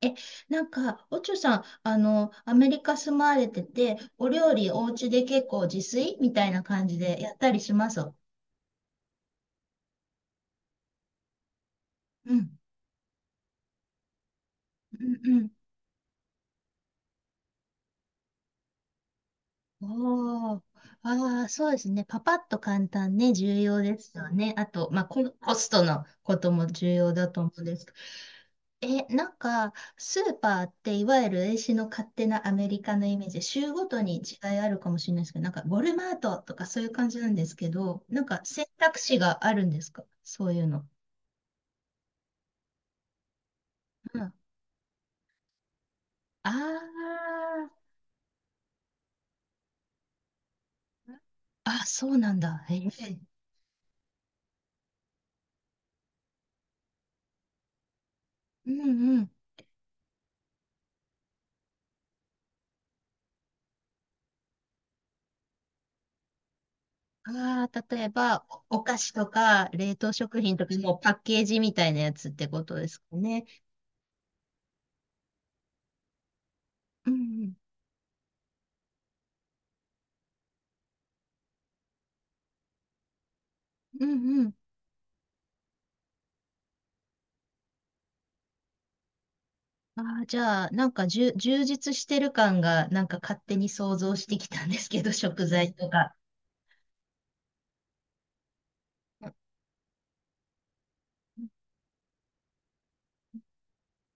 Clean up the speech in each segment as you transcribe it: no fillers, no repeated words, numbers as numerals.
え、なんか、おちょさん、アメリカ住まわれてて、お料理お家で結構自炊みたいな感じでやったりします？うん。うんうん。おー。ああ、そうですね。パパッと簡単ね、重要ですよね。あと、まあ、コストのことも重要だと思うんですけなんか、スーパーっていわゆる英史の勝手なアメリカのイメージ、州ごとに違いあるかもしれないですけど、なんか、ウォルマートとかそういう感じなんですけど、なんか選択肢があるんですか？そういうの。うん。ああ、あ、そうなんだ。へえ。うんうん。ああ、例えば、お菓子とか、冷凍食品とか、もうパッケージみたいなやつってことですかね。うんうん。うん。ああ、じゃあ、なんか、充実してる感が、なんか勝手に想像してきたんですけど、食材とか。うん。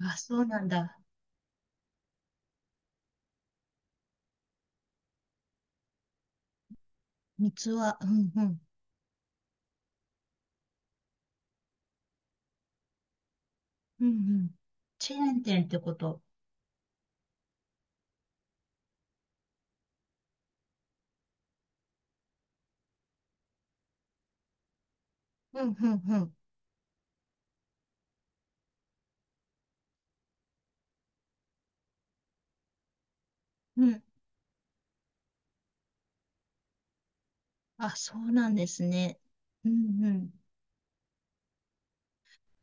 あ、そうなんだ。三つは、うんうん。うんうん。チェーン店ってこと？うんうんうん、うん。あ、そうなんですね。うんうん。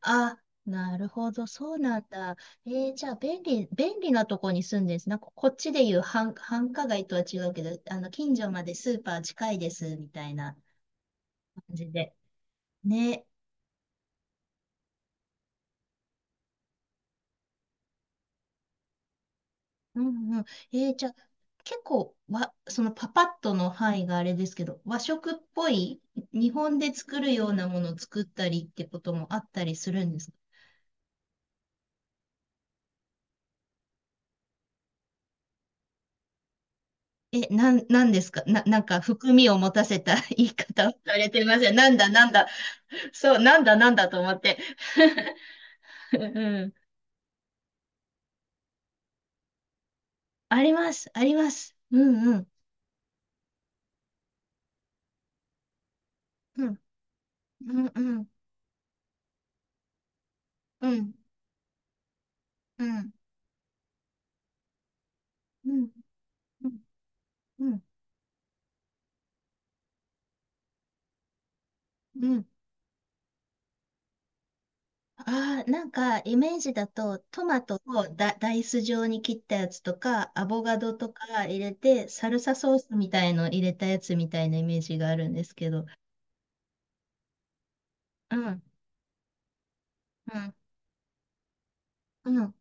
あ、なるほど、そうなんだ。じゃあ、便利なとこに住んでるんです。なんか、こっちでいう、繁華街とは違うけど、近所までスーパー近いです、みたいな感じで。ね。うんうん。じゃあ、結構わ、そのパパッとの範囲があれですけど、和食っぽい、日本で作るようなものを作ったりってこともあったりするんですか？なんですかな、なんか含みを持たせた 言い方をされてません？なんだなんだ。そう、なんだなんだと思って。うん。あります、あります。うんうん。うん、うん、うん、うん、うん、うん、うん、うん、うん、ああ、なんかイメージだとトマトを、ダイス状に切ったやつとかアボカドとか入れて、サルサソースみたいの入れたやつみたいなイメージがあるんですけど。うん、うん、うん、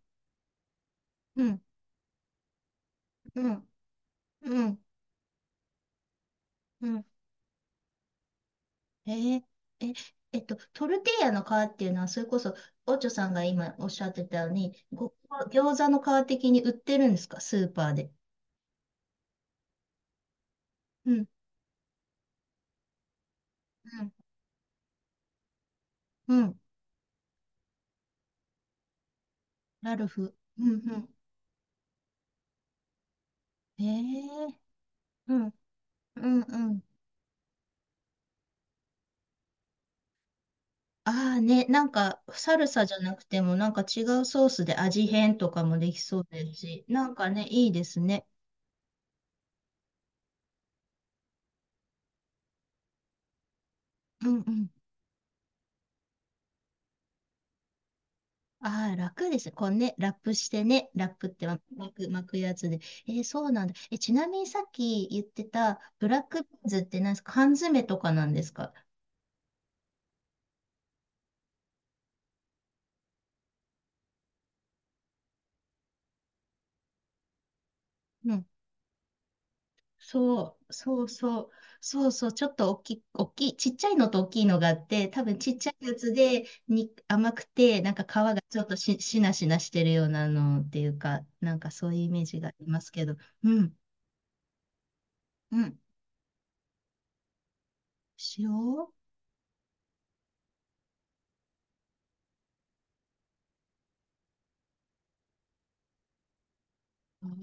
うん、うん、うん。うん。えーえ、トルティーヤの皮っていうのは、それこそオチョさんが今おっしゃってたように、餃子の皮的に売ってるんですか？スーパーで。うん、うん、うん。ラルフ。うん、うん。えー、うん、うん、うん。ああね、なんか、サルサじゃなくても、なんか違うソースで味変とかもできそうですし、なんかね、いいですね。うんうん。ああ、楽ですね。こうね、ラップしてね、ラップって、巻くやつで。そうなんだ。ちなみにさっき言ってた、ブラックビーンズって何ですか？缶詰とかなんですか？うん。そう、そうそう、そうそう、ちょっと、大きい、ちっちゃいのと大きいのがあって、多分ちっちゃいやつでに甘くて、なんか皮がちょっと、しなしなしてるようなのっていうか、なんかそういうイメージがありますけど。うん、うん。塩わ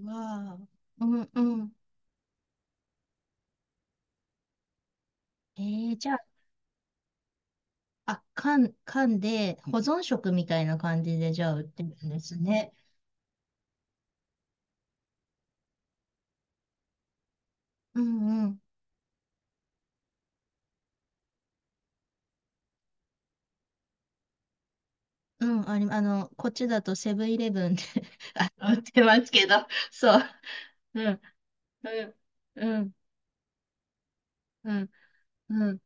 あ、うん、うん。えじゃあ、あ、缶で保存食みたいな感じで、じゃあ売ってるんですね。うん、うん。うん、こっちだとセブンイレブンで 売ってますけど。そう。うん、うん、うん、うん、うん。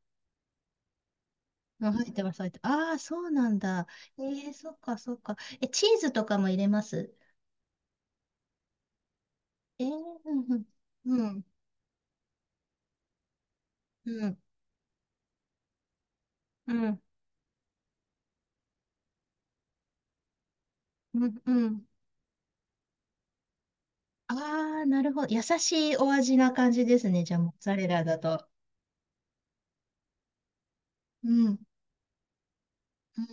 うん、入ってます、入ってああ、そうなんだ。そっか、そっか。チーズとかも入れます？ええ。うん、うん、うん、うん、うん。うん。ああ、なるほど。優しいお味な感じですね。じゃあ、モッツァレラだと。うん、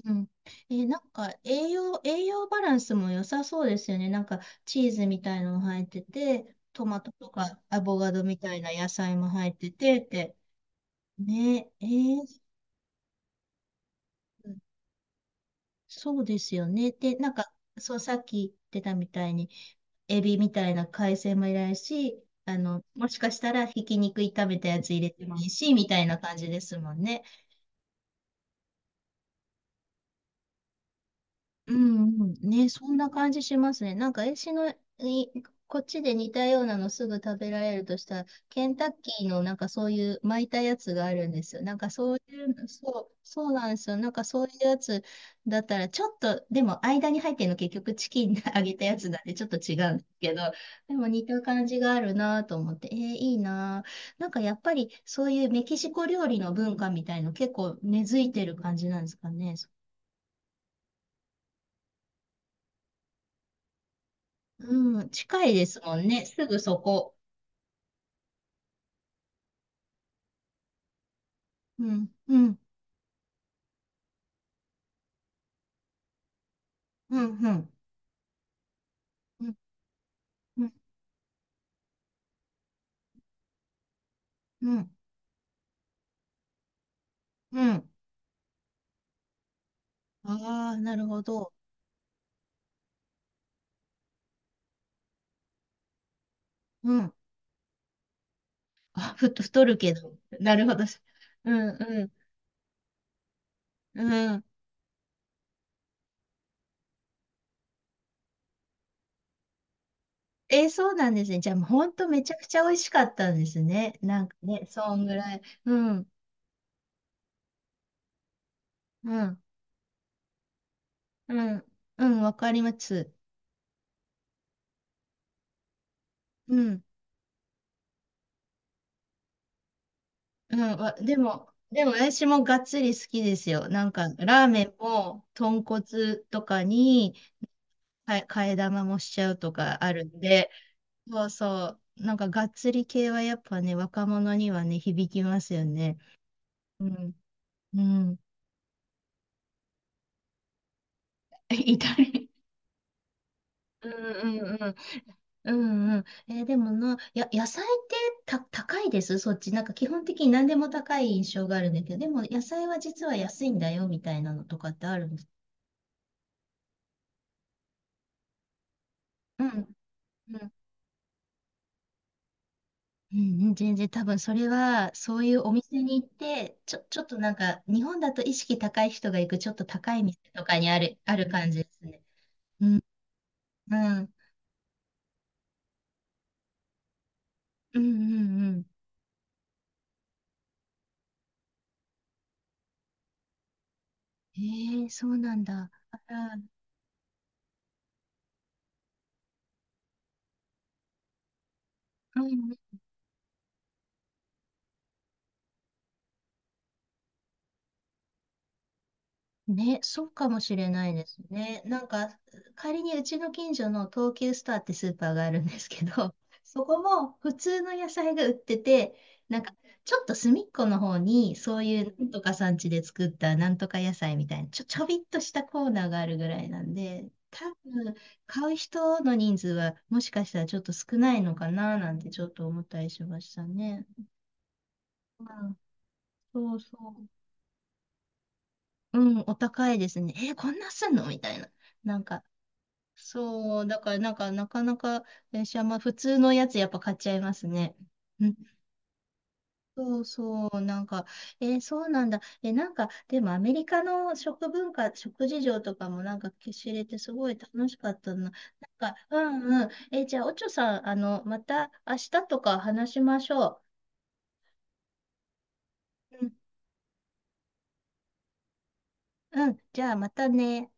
うん。なんか、栄養バランスも良さそうですよね。なんか、チーズみたいのも入ってて、トマトとかアボカドみたいな野菜も入ってて、って。ねえ、うん。そうですよね。で、なんか、そう、さっき言ってたみたいに、エビみたいな海鮮もいらないし、もしかしたらひき肉炒めたやつ入れてもいいし、みたいな感じですもんね。うんうん、ね、そんな感じしますね。なんか、えしの、いこっちで似たようなのすぐ食べられるとしたら、ケンタッキーのなんかそういう巻いたやつがあるんですよ。なんかそういう、そう、そうなんですよ。なんかそういうやつだったら、ちょっと、でも間に入ってるの結局チキンで揚げたやつなんでちょっと違うんですけど、でも似た感じがあるなと思って、いいなぁ。なんかやっぱりそういうメキシコ料理の文化みたいの結構根付いてる感じなんですかね。うん、近いですもんね。すぐそこ。うん、うん、うん、うん、うん、うん、うん。うん。ああー、なるほど。うん。あ、太るけど。なるほど。うん、うん、うん。そうなんですね。じゃあ、もうほんとめちゃくちゃ美味しかったんですね。なんかね、そんぐらい。うん、うん、うん、うん、わかります。うん、うん、でも私もがっつり好きですよ。なんか、ラーメンも、豚骨とかに、替え玉もしちゃうとかあるんで。そうそう、なんかがっつり系はやっぱね、若者にはね、響きますよね。うん、うん。痛い。うんうんうん。うんうん。でもな、野菜って、高いですそっち。なんか基本的に何でも高い印象があるんだけど、でも野菜は実は安いんだよみたいなのとかってあるんですうん。うんうん、全然多分それは、そういうお店に行って、ちょっとなんか、日本だと意識高い人が行く、ちょっと高い店とかに、ある感じですね。うん、うん、うん、うん、うん。ええ、そうなんだ。あら、うん、うん、ね、そうかもしれないですね。なんか、仮にうちの近所の東急スターってスーパーがあるんですけど、そこも普通の野菜が売ってて、なんか、ちょっと隅っこの方に、そういうなんとか産地で作ったなんとか野菜みたいな、ちょびっとしたコーナーがあるぐらいなんで、多分、買う人の人数はもしかしたらちょっと少ないのかななんてちょっと思ったりしましたね。うん、そうそう。うん、お高いですね。こんなすんのみたいな。なんか、そう、だからなんか、なかなか、電車、まあ普通のやつやっぱ買っちゃいますね。うん。そうそう、なんか、そうなんだ。なんか、でもアメリカの食文化、食事情とかもなんか知れてすごい楽しかったな。なんか、うんうん。じゃあ、おちょさん、また明日とか話しましょう。うん、うん、じゃあまたね。